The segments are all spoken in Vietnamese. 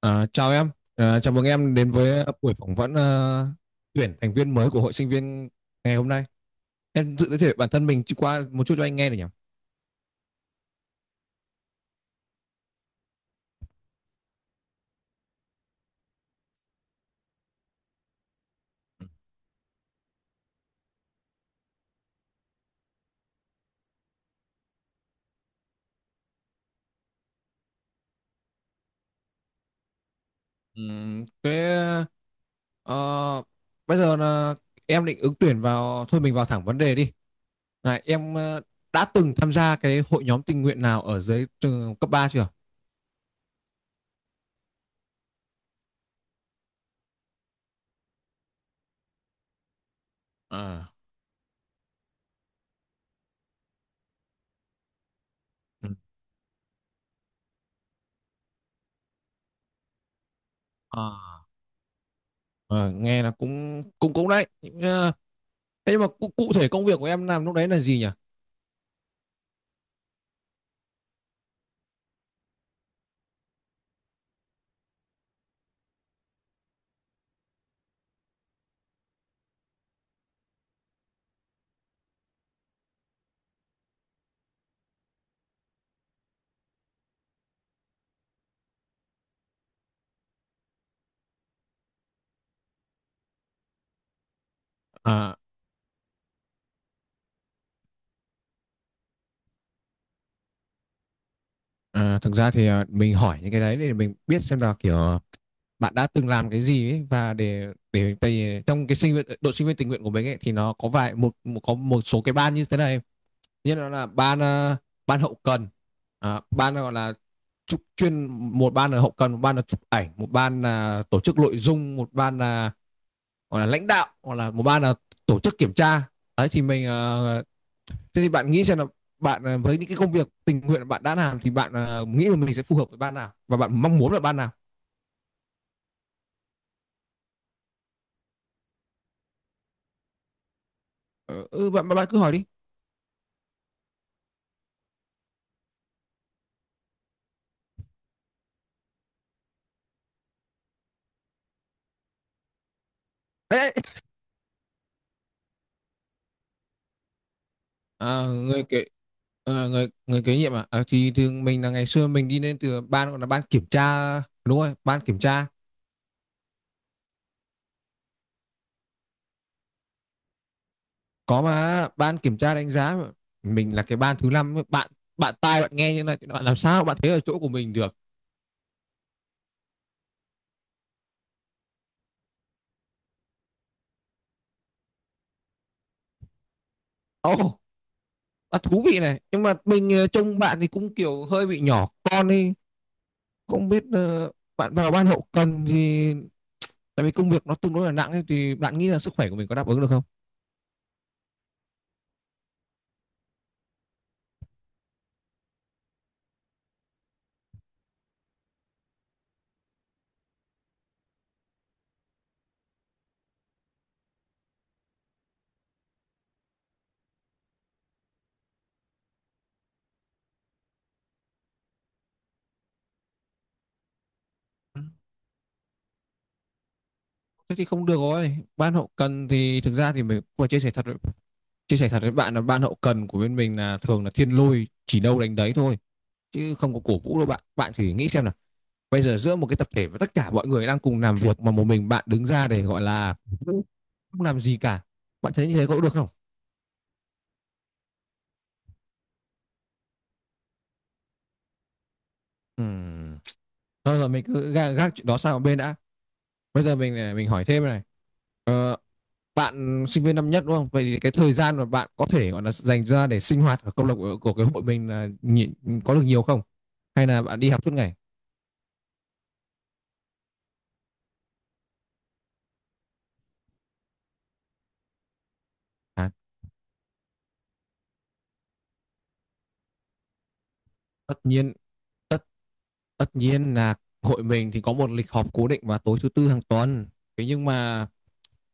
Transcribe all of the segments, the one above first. À, chào em, chào mừng em đến với buổi phỏng vấn, tuyển thành viên mới của hội sinh viên ngày hôm nay. Em tự giới thiệu bản thân mình qua một chút cho anh nghe được nhỉ? Thế ờ, bây giờ là em định ứng tuyển vào, thôi mình vào thẳng vấn đề đi. Này, em đã từng tham gia cái hội nhóm tình nguyện nào ở dưới trường cấp 3 chưa? À, ừ. à, ờ, Nghe là cũng cũng cũng đấy. Thế nhưng mà cụ thể công việc của em làm lúc đấy là gì nhỉ? À, À, thực ra thì mình hỏi những cái đấy để mình biết xem là kiểu bạn đã từng làm cái gì ấy và để tại vì trong cái sinh viên đội sinh viên tình nguyện của mình ấy thì nó có vài một có một số cái ban như thế này, như nó là ban hậu cần, ban gọi là chụp chuyên, một ban là hậu cần, một ban là chụp ảnh, một ban là tổ chức nội dung, một ban là gọi là lãnh đạo, hoặc là một ban là tổ chức kiểm tra đấy, thì mình thế thì bạn nghĩ xem là bạn với những cái công việc tình nguyện bạn đã làm thì bạn nghĩ là mình sẽ phù hợp với ban nào và bạn mong muốn là ban nào? Ờ, ừ, bạn cứ hỏi đi. Ê, à, người kế người người kế nhiệm à? À thì thường mình là ngày xưa mình đi lên từ ban gọi là ban kiểm tra, đúng rồi, ban kiểm tra. Có mà, ban kiểm tra đánh giá mà. Mình là cái ban thứ năm, bạn. Bạn tai bạn nghe như này thì bạn làm sao bạn thấy ở chỗ của mình được. Ồ. oh, Thú vị này, nhưng mà mình trông bạn thì cũng kiểu hơi bị nhỏ con đi. Cũng biết bạn vào ban hậu cần thì tại vì công việc nó tương đối là nặng ấy, thì bạn nghĩ là sức khỏe của mình có đáp ứng được không? Thế thì không được rồi. Ban hậu cần thì thực ra thì mình vừa chia sẻ thật với bạn là ban hậu cần của bên mình là thường là thiên lôi chỉ đâu đánh đấy thôi, chứ không có cổ vũ đâu bạn. Bạn thử nghĩ xem nào. Bây giờ giữa một cái tập thể và tất cả mọi người đang cùng làm việc mà một mình bạn đứng ra để gọi là cổ vũ, không làm gì cả. Bạn thấy như thế có được không? Ừm. Thôi rồi mình cứ gác chuyện đó sang một bên đã. Bây giờ mình hỏi thêm này, bạn sinh viên năm nhất đúng không? Vậy thì cái thời gian mà bạn có thể gọi là dành ra để sinh hoạt ở câu lạc bộ của cái hội mình là nhị- có được nhiều không? Hay là bạn đi học suốt ngày? À, tất nhiên tất tất nhiên là hội mình thì có một lịch họp cố định vào tối thứ tư hàng tuần. Thế nhưng mà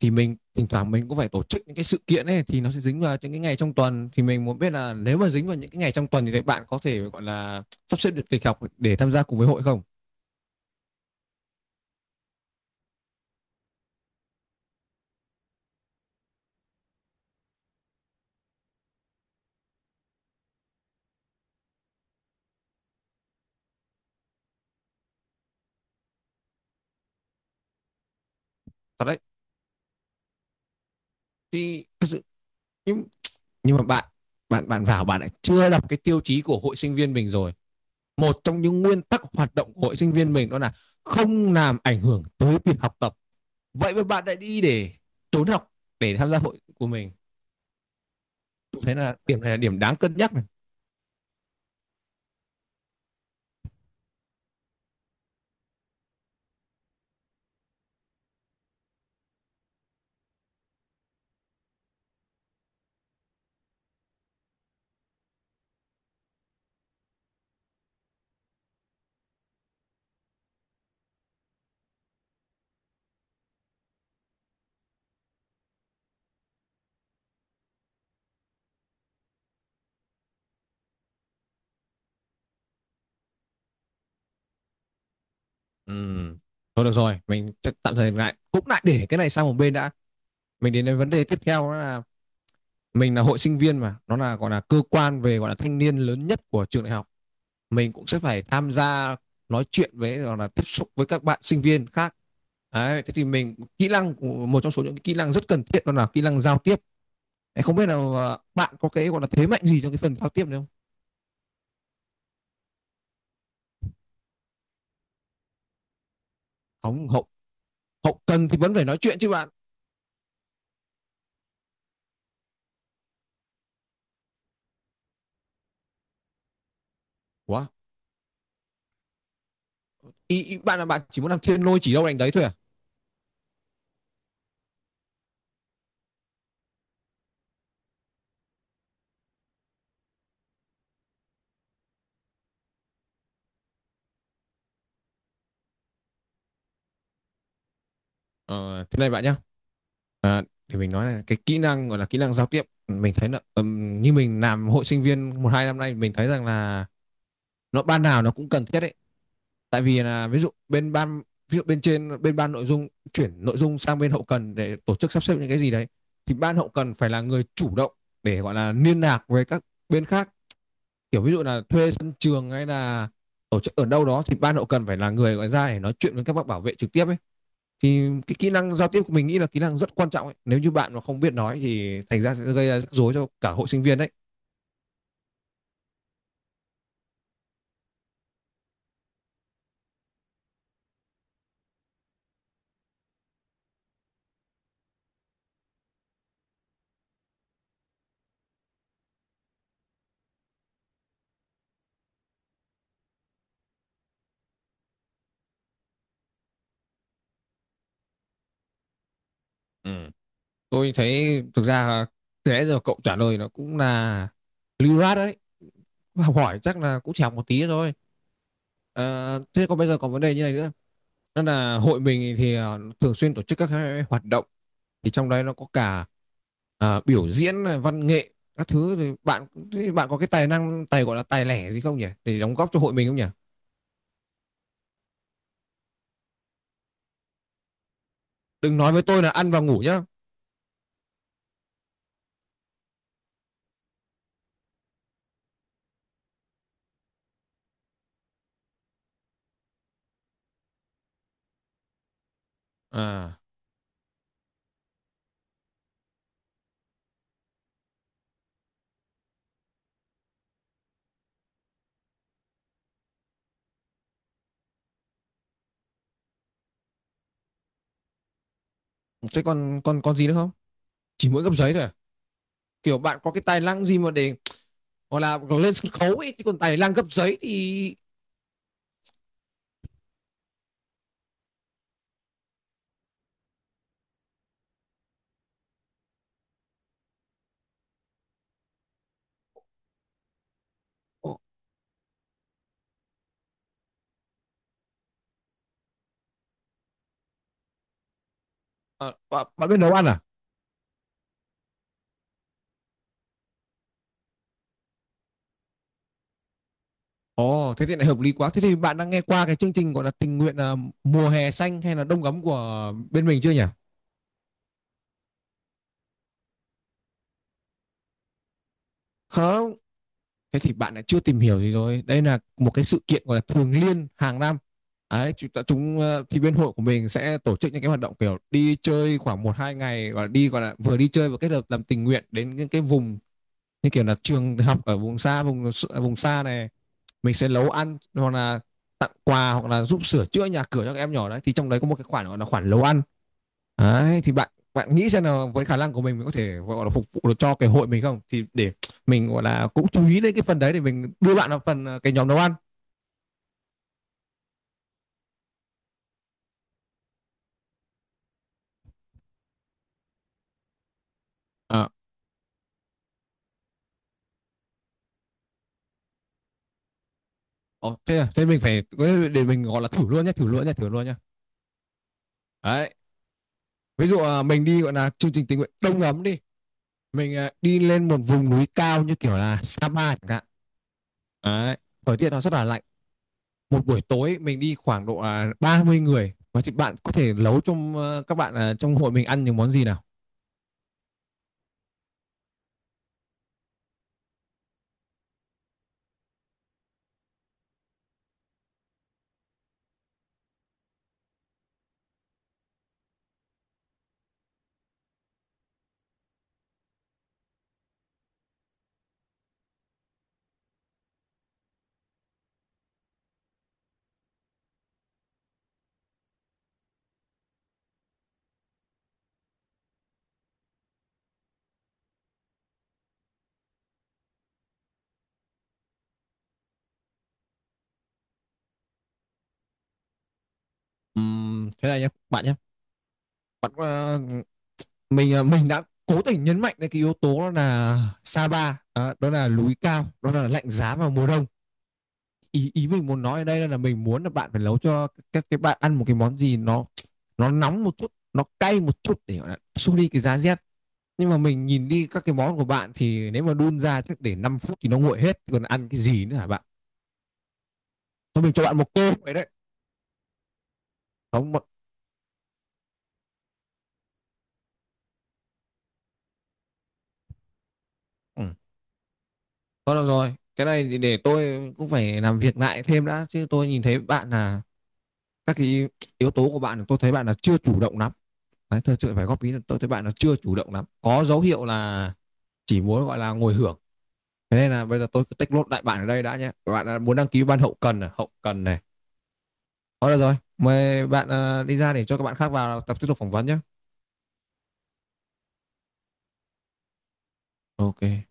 thì mình thỉnh thoảng mình cũng phải tổ chức những cái sự kiện ấy thì nó sẽ dính vào những cái ngày trong tuần, thì mình muốn biết là nếu mà dính vào những cái ngày trong tuần thì các bạn có thể gọi là sắp xếp được lịch học để tham gia cùng với hội không? Thật đấy. Thì thật sự, nhưng nhưng mà bạn bạn bạn vào bạn lại chưa đọc cái tiêu chí của hội sinh viên mình rồi. Một trong những nguyên tắc hoạt động của hội sinh viên mình đó là không làm ảnh hưởng tới việc học tập, vậy mà bạn lại đi để trốn học để tham gia hội của mình. Tôi thấy là điểm này là điểm đáng cân nhắc này. Ừ. Thôi được rồi, mình chắc tạm thời lại cũng lại để cái này sang một bên đã. Mình đến đến vấn đề tiếp theo đó là mình là hội sinh viên mà nó là gọi là cơ quan về gọi là thanh niên lớn nhất của trường đại học, mình cũng sẽ phải tham gia nói chuyện với hoặc là tiếp xúc với các bạn sinh viên khác. Đấy, thế thì mình kỹ năng, một trong số những kỹ năng rất cần thiết đó là kỹ năng giao tiếp. Không biết là bạn có cái gọi là thế mạnh gì trong cái phần giao tiếp này không? Không, hậu hậu cần thì vẫn phải nói chuyện chứ bạn. Ủa, ý bạn là bạn chỉ muốn làm thiên lôi chỉ đâu đánh đấy thôi à? Ờ, Thế này bạn nhá. À, thì mình nói là cái kỹ năng gọi là kỹ năng giao tiếp mình thấy là như mình làm hội sinh viên một hai năm nay mình thấy rằng là nó ban nào nó cũng cần thiết đấy, tại vì là ví dụ bên trên bên ban nội dung chuyển nội dung sang bên hậu cần để tổ chức sắp xếp những cái gì đấy, thì ban hậu cần phải là người chủ động để gọi là liên lạc với các bên khác, kiểu ví dụ là thuê sân trường hay là tổ chức ở đâu đó thì ban hậu cần phải là người gọi ra để nói chuyện với các bác bảo vệ trực tiếp ấy. Thì cái kỹ năng giao tiếp của mình nghĩ là kỹ năng rất quan trọng ấy. Nếu như bạn mà không biết nói thì thành ra sẽ gây ra rắc rối cho cả hội sinh viên đấy. Ừ. Tôi thấy thực ra từ nãy giờ cậu trả lời nó cũng là lưu loát đấy, học hỏi chắc là cũng chỉ học một tí thôi. Thế còn bây giờ còn vấn đề như này nữa, đó là hội mình thì thường xuyên tổ chức các cái hoạt động, thì trong đấy nó có cả biểu diễn này, văn nghệ các thứ, thì bạn có cái tài năng tài gọi là tài lẻ gì không nhỉ, để đóng góp cho hội mình không nhỉ? Đừng nói với tôi là ăn và ngủ nhá. À thế còn còn còn gì nữa không? Chỉ mỗi gấp giấy thôi à? Kiểu bạn có cái tài năng gì mà để gọi là lên sân khấu ấy chứ còn tài năng gấp giấy thì. À, bạn biết nấu ăn à? Ồ, thế thì lại hợp lý quá. Thế thì bạn đang nghe qua cái chương trình gọi là tình nguyện, mùa hè xanh hay là đông ấm của bên mình chưa nhỉ? Không. Thế thì bạn lại chưa tìm hiểu gì rồi. Đây là một cái sự kiện gọi là thường niên hàng năm. Đấy, chúng, ta- chúng ờ, thì bên hội của mình sẽ tổ chức những cái hoạt động kiểu đi chơi khoảng một hai ngày, gọi là đi, gọi là vừa đi chơi vừa kết hợp làm tình nguyện đến những cái vùng như kiểu là trường học ở vùng xa, vùng xa này, mình sẽ nấu ăn hoặc là tặng quà hoặc là giúp sửa chữa nhà cửa cho các em nhỏ đấy, thì trong đấy có một cái khoản gọi là khoản nấu ăn. Đấy, thì bạn bạn nghĩ xem là với khả năng của mình có thể gọi là phục vụ được cho cái hội mình không, thì để mình gọi là cũng chú ý đến cái phần đấy để mình đưa bạn vào phần cái nhóm nấu ăn. À, ồ, thế à, thế mình phải để mình gọi là thử luôn nhé, thử luôn nhé, thử luôn nhé. Đấy, ví dụ mình đi gọi là chương trình tình nguyện đông ấm đi, mình đi lên một vùng núi cao như kiểu là Sapa chẳng hạn, đấy, thời tiết nó rất là lạnh, một buổi tối mình đi khoảng độ 30 người, và thì bạn có thể nấu trong các bạn trong hội mình ăn những món gì nào? Thế này nhé bạn nhé. Bạn ờ, mình đã cố tình nhấn mạnh đến cái yếu tố đó là Sapa, à, đó là núi cao, đó là lạnh giá vào mùa đông. Ý ý mình muốn nói ở đây là mình muốn là bạn phải nấu cho các cái bạn ăn một cái món gì nó nóng một chút, nó cay một chút để gọi là xua đi cái giá rét. Nhưng mà mình nhìn đi các cái món của bạn thì nếu mà đun ra chắc để 5 phút thì nó nguội hết, còn ăn cái gì nữa hả bạn? Thôi mình cho bạn một cơ vậy đấy. Không, một- Ừ. Thôi được rồi, cái này thì để tôi cũng phải làm việc lại thêm đã, chứ tôi nhìn thấy bạn là các cái yếu tố của bạn tôi thấy bạn là chưa chủ động lắm. Đấy, tôi phải góp ý là tôi thấy bạn là chưa chủ động lắm, có dấu hiệu là chỉ muốn gọi là ngồi hưởng. Thế nên là bây giờ tôi cứ tích lốt đại bạn ở đây đã nhé. Các bạn muốn đăng ký ban hậu cần à? Hậu cần này. Thôi được rồi, mời bạn đi ra để cho các bạn khác vào tập tiếp tục phỏng vấn nhé. OK.